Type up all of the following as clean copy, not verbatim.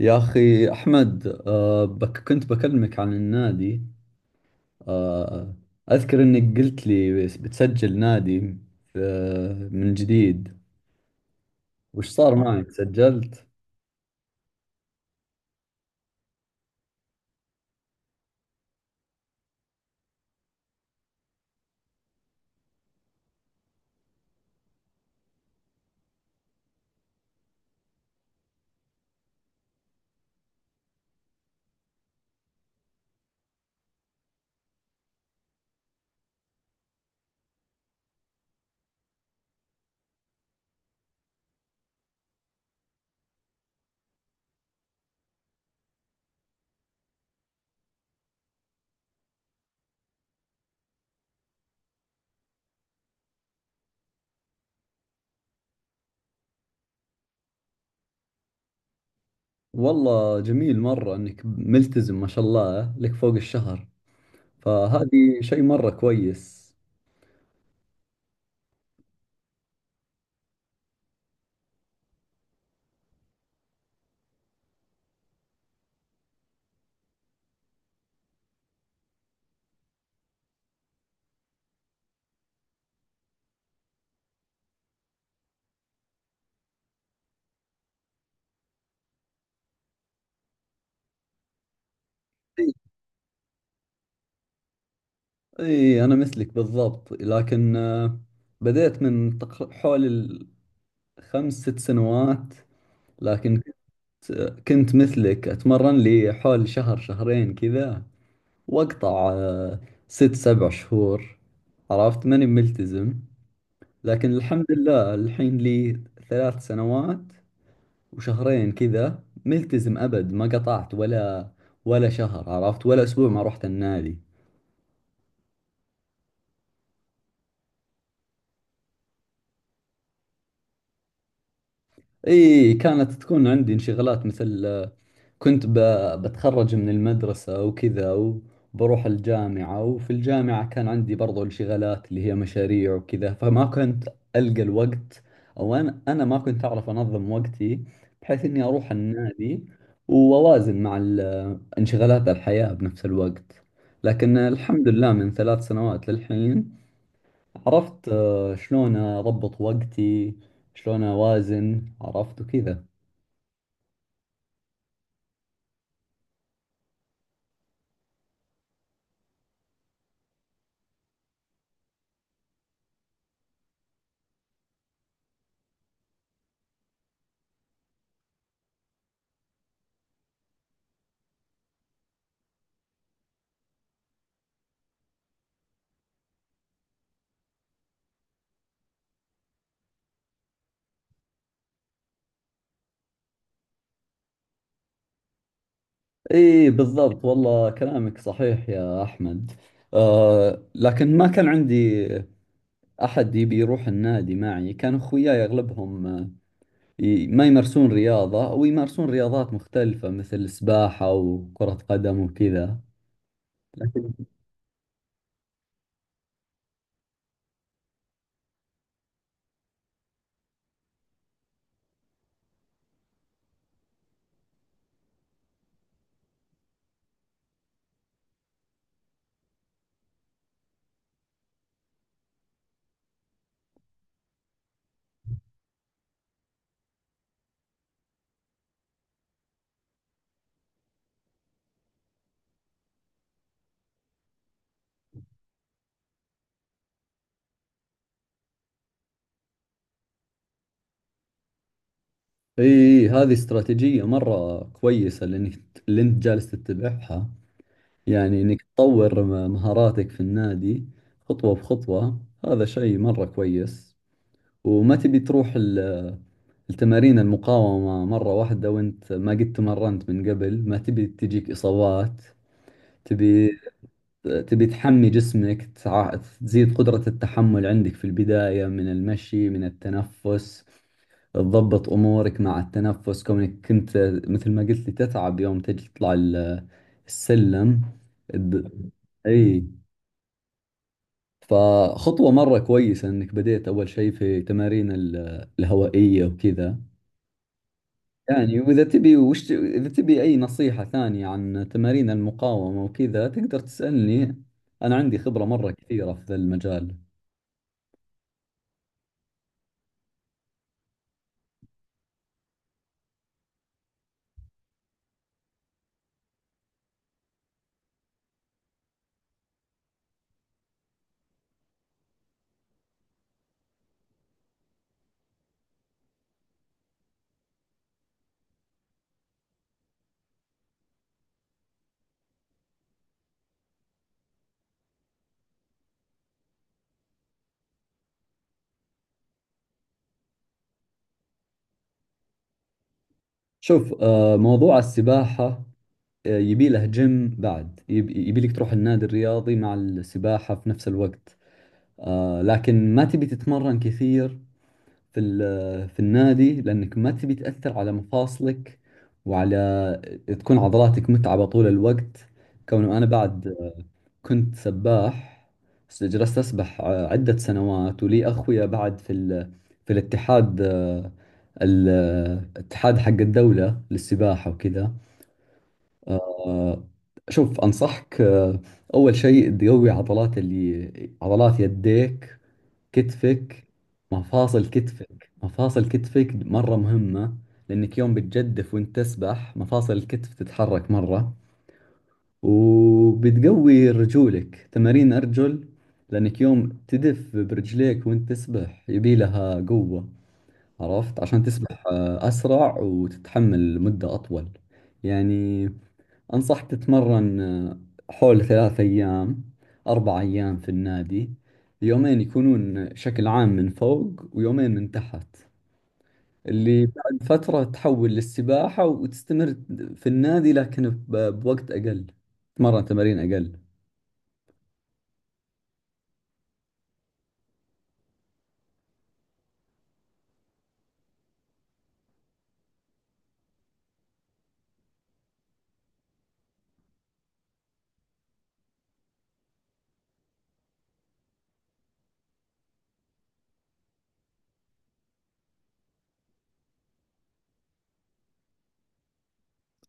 يا أخي أحمد بك كنت بكلمك عن النادي. آه أذكر إنك قلت لي بتسجل نادي من جديد. وش صار معك سجلت؟ والله جميل مرة إنك ملتزم ما شاء الله، لك فوق الشهر. فهذه شيء مرة كويس. إي، إي، أنا مثلك بالضبط. لكن بديت حول الخمس ست سنوات. لكن كنت مثلك أتمرن لي حول شهر شهرين كذا، وأقطع ست سبع شهور. عرفت ماني ملتزم. لكن الحمد لله، الحين لي 3 سنوات وشهرين كذا ملتزم أبد. ما قطعت ولا شهر عرفت، ولا أسبوع ما رحت النادي. إي، كانت تكون عندي انشغالات، مثل كنت ب... بتخرج من المدرسة وكذا، وبروح الجامعة. وفي الجامعة كان عندي برضو انشغالات اللي هي مشاريع وكذا. فما كنت ألقى الوقت، أو أنا ما كنت أعرف أنظم وقتي بحيث إني أروح النادي وأوازن مع انشغالات الحياة بنفس الوقت. لكن الحمد لله، من 3 سنوات للحين عرفت شلون أضبط وقتي، شلون أوازن عرفت وكذا. اي، بالضبط. والله كلامك صحيح يا احمد. لكن ما كان عندي احد يبي يروح النادي معي. كان اخوياي اغلبهم ما يمارسون رياضة، او يمارسون رياضات مختلفة مثل السباحة وكرة قدم وكذا. اي، هذه استراتيجية مرة كويسة اللي انت جالس تتبعها. يعني انك تطور مهاراتك في النادي خطوة بخطوة. هذا شيء مرة كويس. وما تبي تروح التمارين المقاومة مرة واحدة وانت ما قد تمرنت من قبل. ما تبي تجيك إصابات. تبي تبي تحمي جسمك، تزيد قدرة التحمل عندك في البداية، من المشي، من التنفس. تضبط أمورك مع التنفس، كونك كنت مثل ما قلت لي تتعب يوم تجي تطلع السلم الد- اي، فخطوة مرة كويسة انك بديت اول شيء في تمارين الهوائية وكذا. يعني، وإذا تبي وش إذا تبي أي نصيحة ثانية عن تمارين المقاومة وكذا، تقدر تسألني. أنا عندي خبرة مرة كثيرة في ذا المجال. شوف، موضوع السباحة، يبي له جيم. بعد يبي لك تروح النادي الرياضي مع السباحة في نفس الوقت. لكن ما تبي تتمرن كثير في النادي، لأنك ما تبي تأثر على مفاصلك، وعلى تكون عضلاتك متعبة طول الوقت. كونه أنا بعد كنت سباح. جلست أسبح عدة سنوات. ولي أخويا بعد في الاتحاد، ال- الاتحاد حق الدولة للسباحة وكذا. آه، شوف، أنصحك أول شيء تقوي عضلات يديك، كتفك. مفاصل كتفك، مفاصل كتفك مرة مهمة، لأنك يوم بتجدف وأنت تسبح مفاصل الكتف تتحرك مرة. وبتقوي رجولك، تمارين أرجل، لأنك يوم تدف برجليك وانت تسبح يبي لها قوة، عرفت، عشان تسبح أسرع وتتحمل مدة أطول. يعني، أنصح تتمرن حول 3 أيام 4 أيام في النادي. يومين يكونون شكل عام من فوق، ويومين من تحت. اللي بعد فترة تحول للسباحة وتستمر في النادي، لكن بوقت أقل، تتمرن تمارين أقل.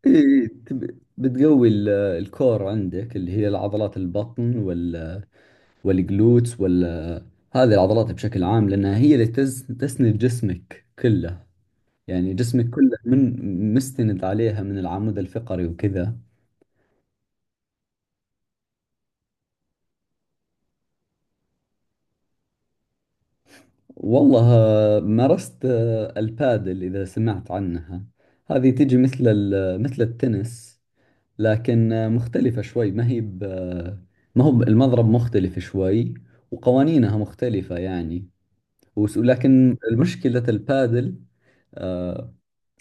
إيه، إيه، بتقوي الكور عندك، اللي هي العضلات البطن، والجلوتس، هذه العضلات بشكل عام، لأنها هي اللي تسند جسمك كله. يعني جسمك كله من مستند عليها، من العمود الفقري وكذا. والله، مارست البادل، إذا سمعت عنها. هذه تجي مثل التنس، لكن مختلفة شوي. ما هو ب- المضرب مختلف شوي، وقوانينها مختلفة يعني. ولكن المشكلة البادل، آه،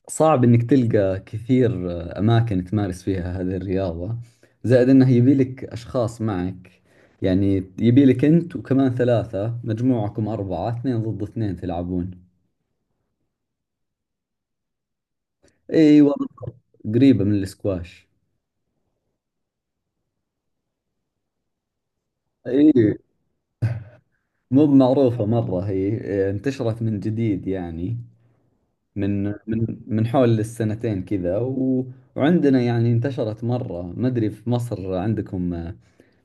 صعب إنك تلقى كثير أماكن تمارس فيها هذه الرياضة. زائد إنه يبي لك أشخاص معك. يعني يبي لك أنت وكمان ثلاثة، مجموعكم أربعة، اثنين ضد اثنين تلعبون. أيوة، قريبة من الاسكواش. أي، مو معروفة مرة هي. انتشرت من جديد يعني، من حول السنتين كذا، و... وعندنا يعني انتشرت مرة. ما أدري في مصر عندكم،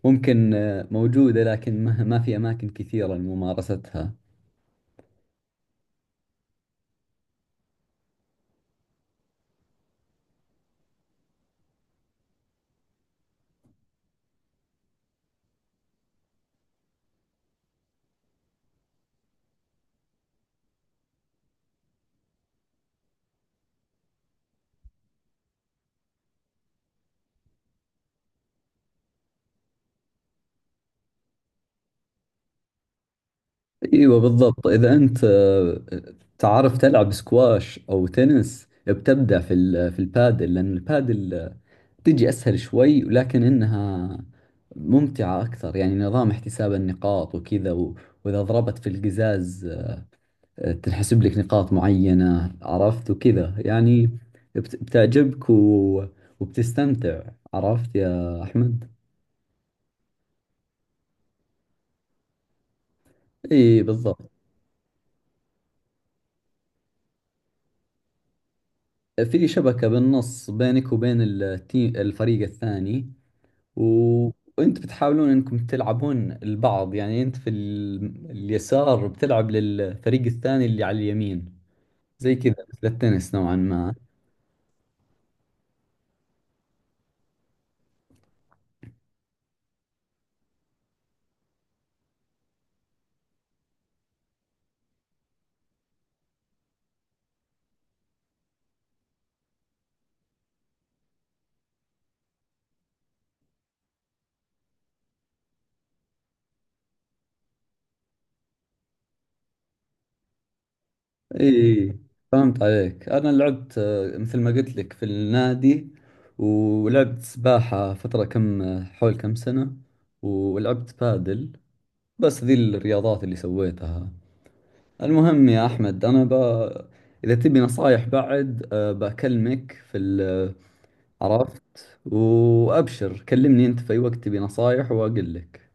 ممكن موجودة، لكن ما في أماكن كثيرة لممارستها. أيوة، بالضبط. إذا أنت تعرف تلعب سكواش أو تنس، بتبدع في البادل، لأن البادل تجي أسهل شوي، لكن إنها ممتعة أكثر. يعني، نظام احتساب النقاط وكذا، وإذا ضربت في القزاز تنحسب لك نقاط معينة، عرفت وكذا يعني. بتعجبك وبتستمتع. عرفت يا أحمد؟ إي، بالضبط. في شبكة بالنص بينك وبين التيم، الفريق الثاني، و... وانت بتحاولون انكم تلعبون البعض. يعني انت اليسار بتلعب للفريق الثاني اللي على اليمين. زي كذا، مثل التنس نوعا ما. اي، فهمت عليك. انا لعبت، مثل ما قلت لك في النادي، ولعبت سباحة فترة كم حول كم سنة، ولعبت بادل. بس ذي الرياضات اللي سويتها. المهم يا أحمد، إذا تبي نصايح بعد، بكلمك في عرفت. وأبشر، كلمني أنت في أي وقت تبي نصايح وأقول لك.